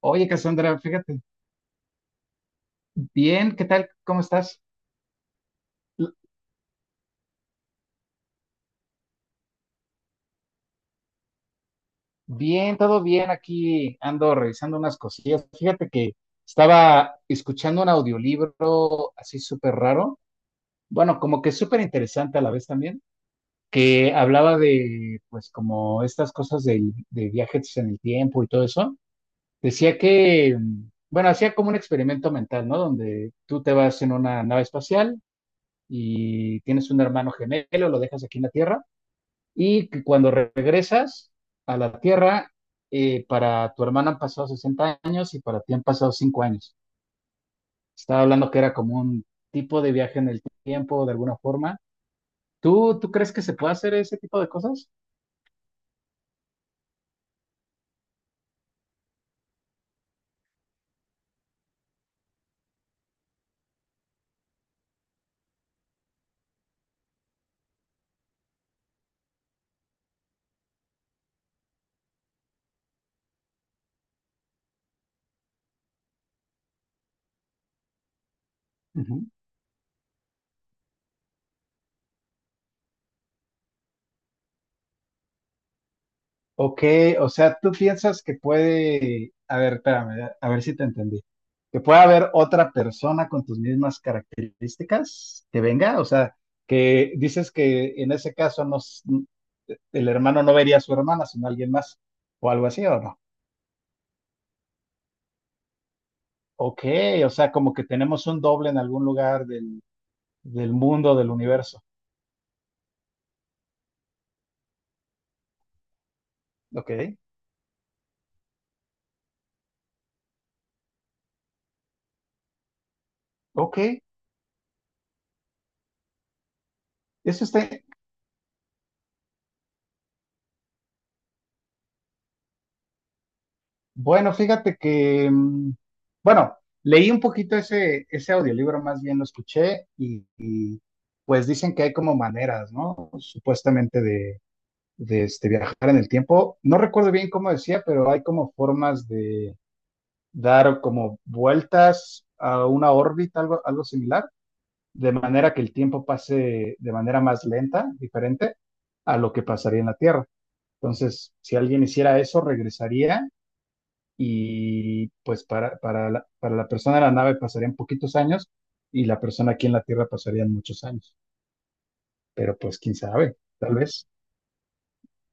Oye, Cassandra, fíjate, bien, ¿qué tal? ¿Cómo estás? Bien, todo bien aquí. Ando revisando unas cosillas. Fíjate que estaba escuchando un audiolibro así súper raro. Bueno, como que súper interesante a la vez también, que hablaba de, pues, como estas cosas de viajes en el tiempo y todo eso. Decía que, bueno, hacía como un experimento mental, ¿no? Donde tú te vas en una nave espacial y tienes un hermano gemelo, lo dejas aquí en la Tierra y que cuando regresas a la Tierra, para tu hermana han pasado 60 años y para ti han pasado 5 años. Estaba hablando que era como un tipo de viaje en el tiempo, de alguna forma. ¿Tú crees que se puede hacer ese tipo de cosas? Ujú. Ok, o sea, tú piensas que puede, a ver, espérame, a ver si te entendí, que puede haber otra persona con tus mismas características que venga, o sea, que dices que en ese caso no, el hermano no vería a su hermana, sino a alguien más, o algo así, ¿o no? Ok, o sea, como que tenemos un doble en algún lugar del mundo, del universo. Ok, ok, eso está. Bueno, fíjate que, bueno, leí un poquito ese audiolibro, más bien lo escuché y pues dicen que hay como maneras, ¿no? Supuestamente de este, viajar en el tiempo. No recuerdo bien cómo decía, pero hay como formas de dar como vueltas a una órbita, algo similar, de manera que el tiempo pase de manera más lenta, diferente a lo que pasaría en la Tierra. Entonces, si alguien hiciera eso, regresaría y pues para la persona de la nave pasarían poquitos años y la persona aquí en la Tierra pasarían muchos años. Pero pues quién sabe,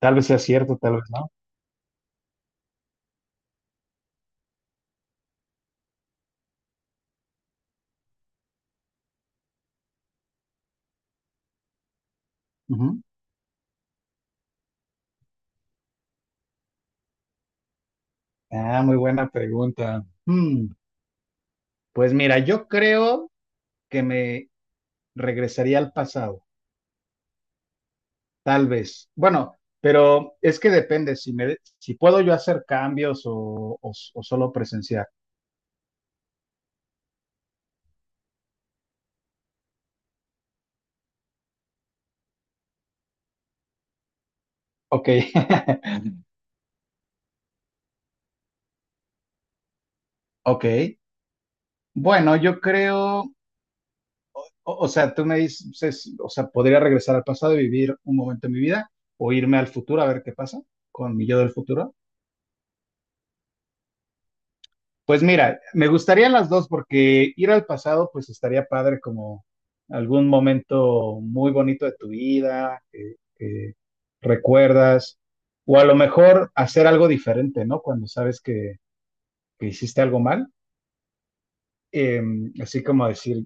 tal vez sea cierto, tal vez no. Ujú. Ah, muy buena pregunta. Hmm, pues mira, yo creo que me regresaría al pasado, tal vez. Bueno, pero es que depende si me, si puedo yo hacer cambios o o solo presenciar. Ok, ok. Bueno, yo creo. O sea, tú me dices, o sea, podría regresar al pasado y vivir un momento en mi vida o irme al futuro a ver qué pasa con mi yo del futuro. Pues mira, me gustarían las dos porque ir al pasado pues estaría padre como algún momento muy bonito de tu vida que recuerdas o a lo mejor hacer algo diferente, ¿no? Cuando sabes que hiciste algo mal, eh, así como decir,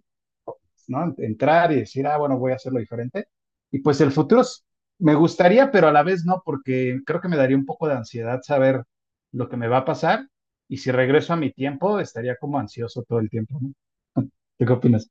¿no? Entrar y decir, ah, bueno, voy a hacerlo diferente. Y pues el futuro es- me gustaría, pero a la vez no, porque creo que me daría un poco de ansiedad saber lo que me va a pasar. Y si regreso a mi tiempo, estaría como ansioso todo el tiempo, ¿no? ¿Tú qué opinas?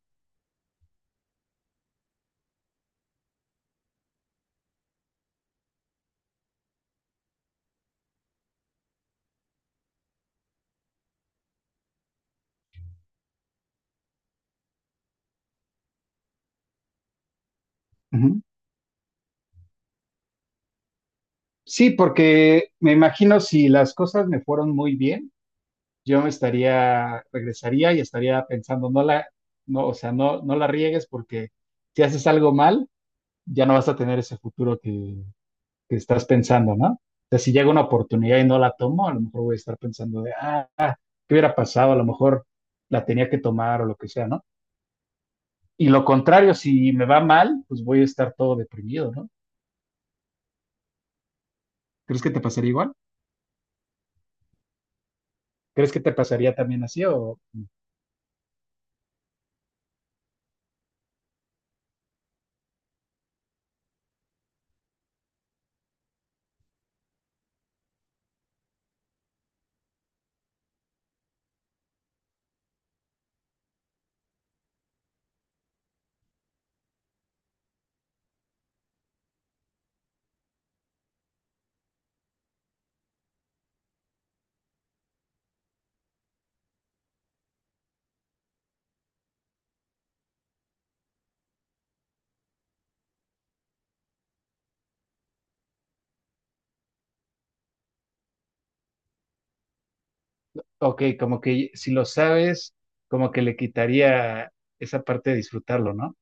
Ujú. Sí, porque me imagino si las cosas me fueron muy bien, yo me estaría, regresaría y estaría pensando, no la, no, o sea, no la riegues porque si haces algo mal, ya no vas a tener ese futuro que estás pensando, ¿no? O sea, si llega una oportunidad y no la tomo, a lo mejor voy a estar pensando de, ah, ¿qué hubiera pasado? A lo mejor la tenía que tomar o lo que sea, ¿no? Y lo contrario, si me va mal, pues voy a estar todo deprimido, ¿no? ¿Crees que te pasaría igual? ¿Crees que te pasaría también así? O, ok, como que si lo sabes, como que le quitaría esa parte de disfrutarlo, ¿no?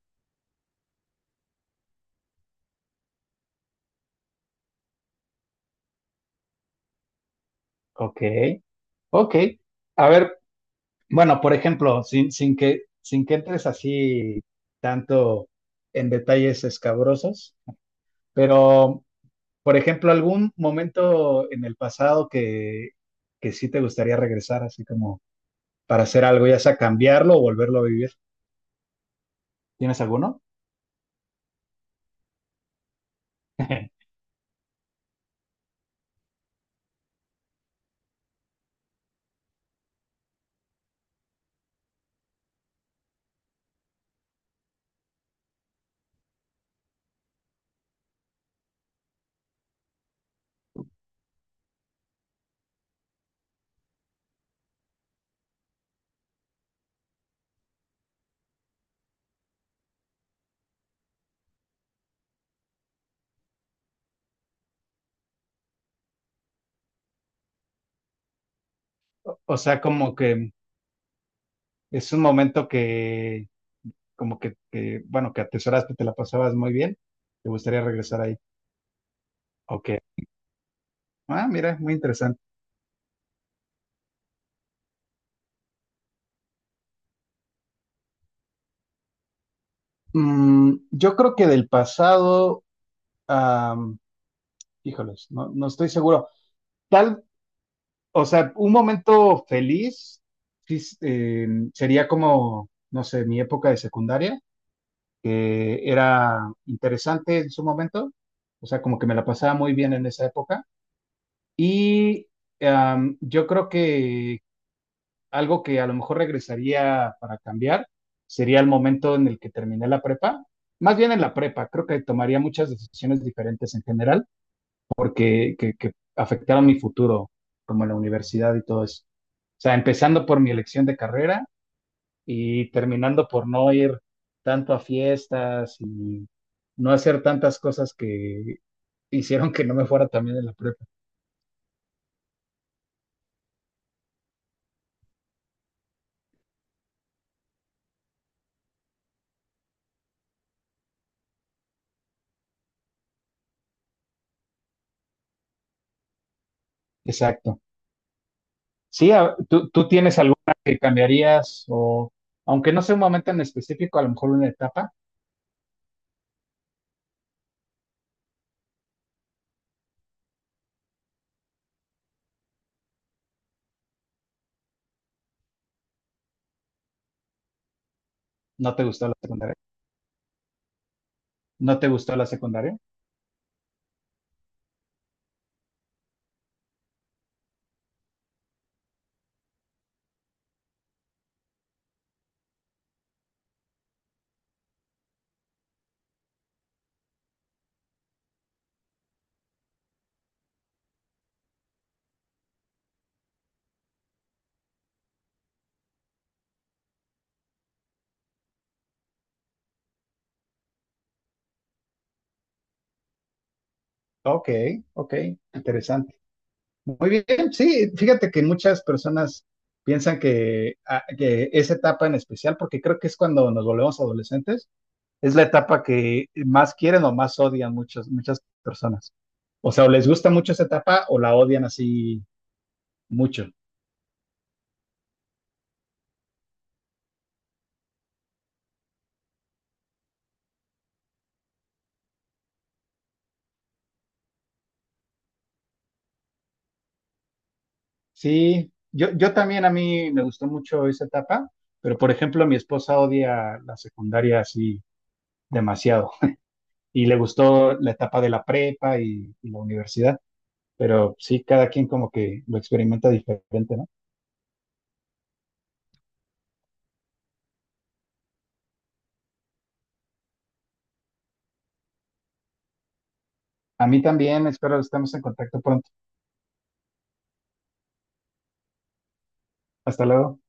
Ok, ok. A ver, bueno, por ejemplo, sin que entres así tanto en detalles escabrosos, pero, por ejemplo, algún momento en el pasado que sí te gustaría regresar, así como para hacer algo, ya sea cambiarlo o volverlo a vivir. ¿Tienes alguno? O sea, como que es un momento como que, bueno, que atesoraste, te la pasabas muy bien, te gustaría regresar ahí. Ok. Ah, mira, muy interesante. Mm, yo creo que del pasado, am, híjoles, no, no estoy seguro. Tal, o sea, un momento feliz sí, sería como, no sé, mi época de secundaria, que era interesante en su momento, o sea, como que me la pasaba muy bien en esa época. Y am, yo creo que algo que a lo mejor regresaría para cambiar sería el momento en el que terminé la prepa, más bien en la prepa, creo que tomaría muchas decisiones diferentes en general que afectaron mi futuro, como la universidad y todo eso. O sea, empezando por mi elección de carrera y terminando por no ir tanto a fiestas y no hacer tantas cosas que hicieron que no me fuera también en la prepa. Exacto. Sí, a- ¿tú tienes alguna que cambiarías o, aunque no sea un momento en específico, a lo mejor una etapa? ¿No te gustó la secundaria? ¿No te gustó la secundaria? Ok, ok, interesante. Muy bien, sí, fíjate que muchas personas piensan que, a- que esa etapa en especial, porque creo que es cuando nos volvemos adolescentes, es la etapa que más quieren o más odian muchas, muchas personas. O sea, o les gusta mucho esa etapa o la odian así mucho. Sí, yo también a mí me gustó mucho esa etapa, pero por ejemplo, mi esposa odia la secundaria así demasiado y le gustó la etapa de la prepa y la universidad. Pero sí, cada quien como que lo experimenta diferente, ¿no? A mí también, espero estemos en contacto pronto. Hasta luego.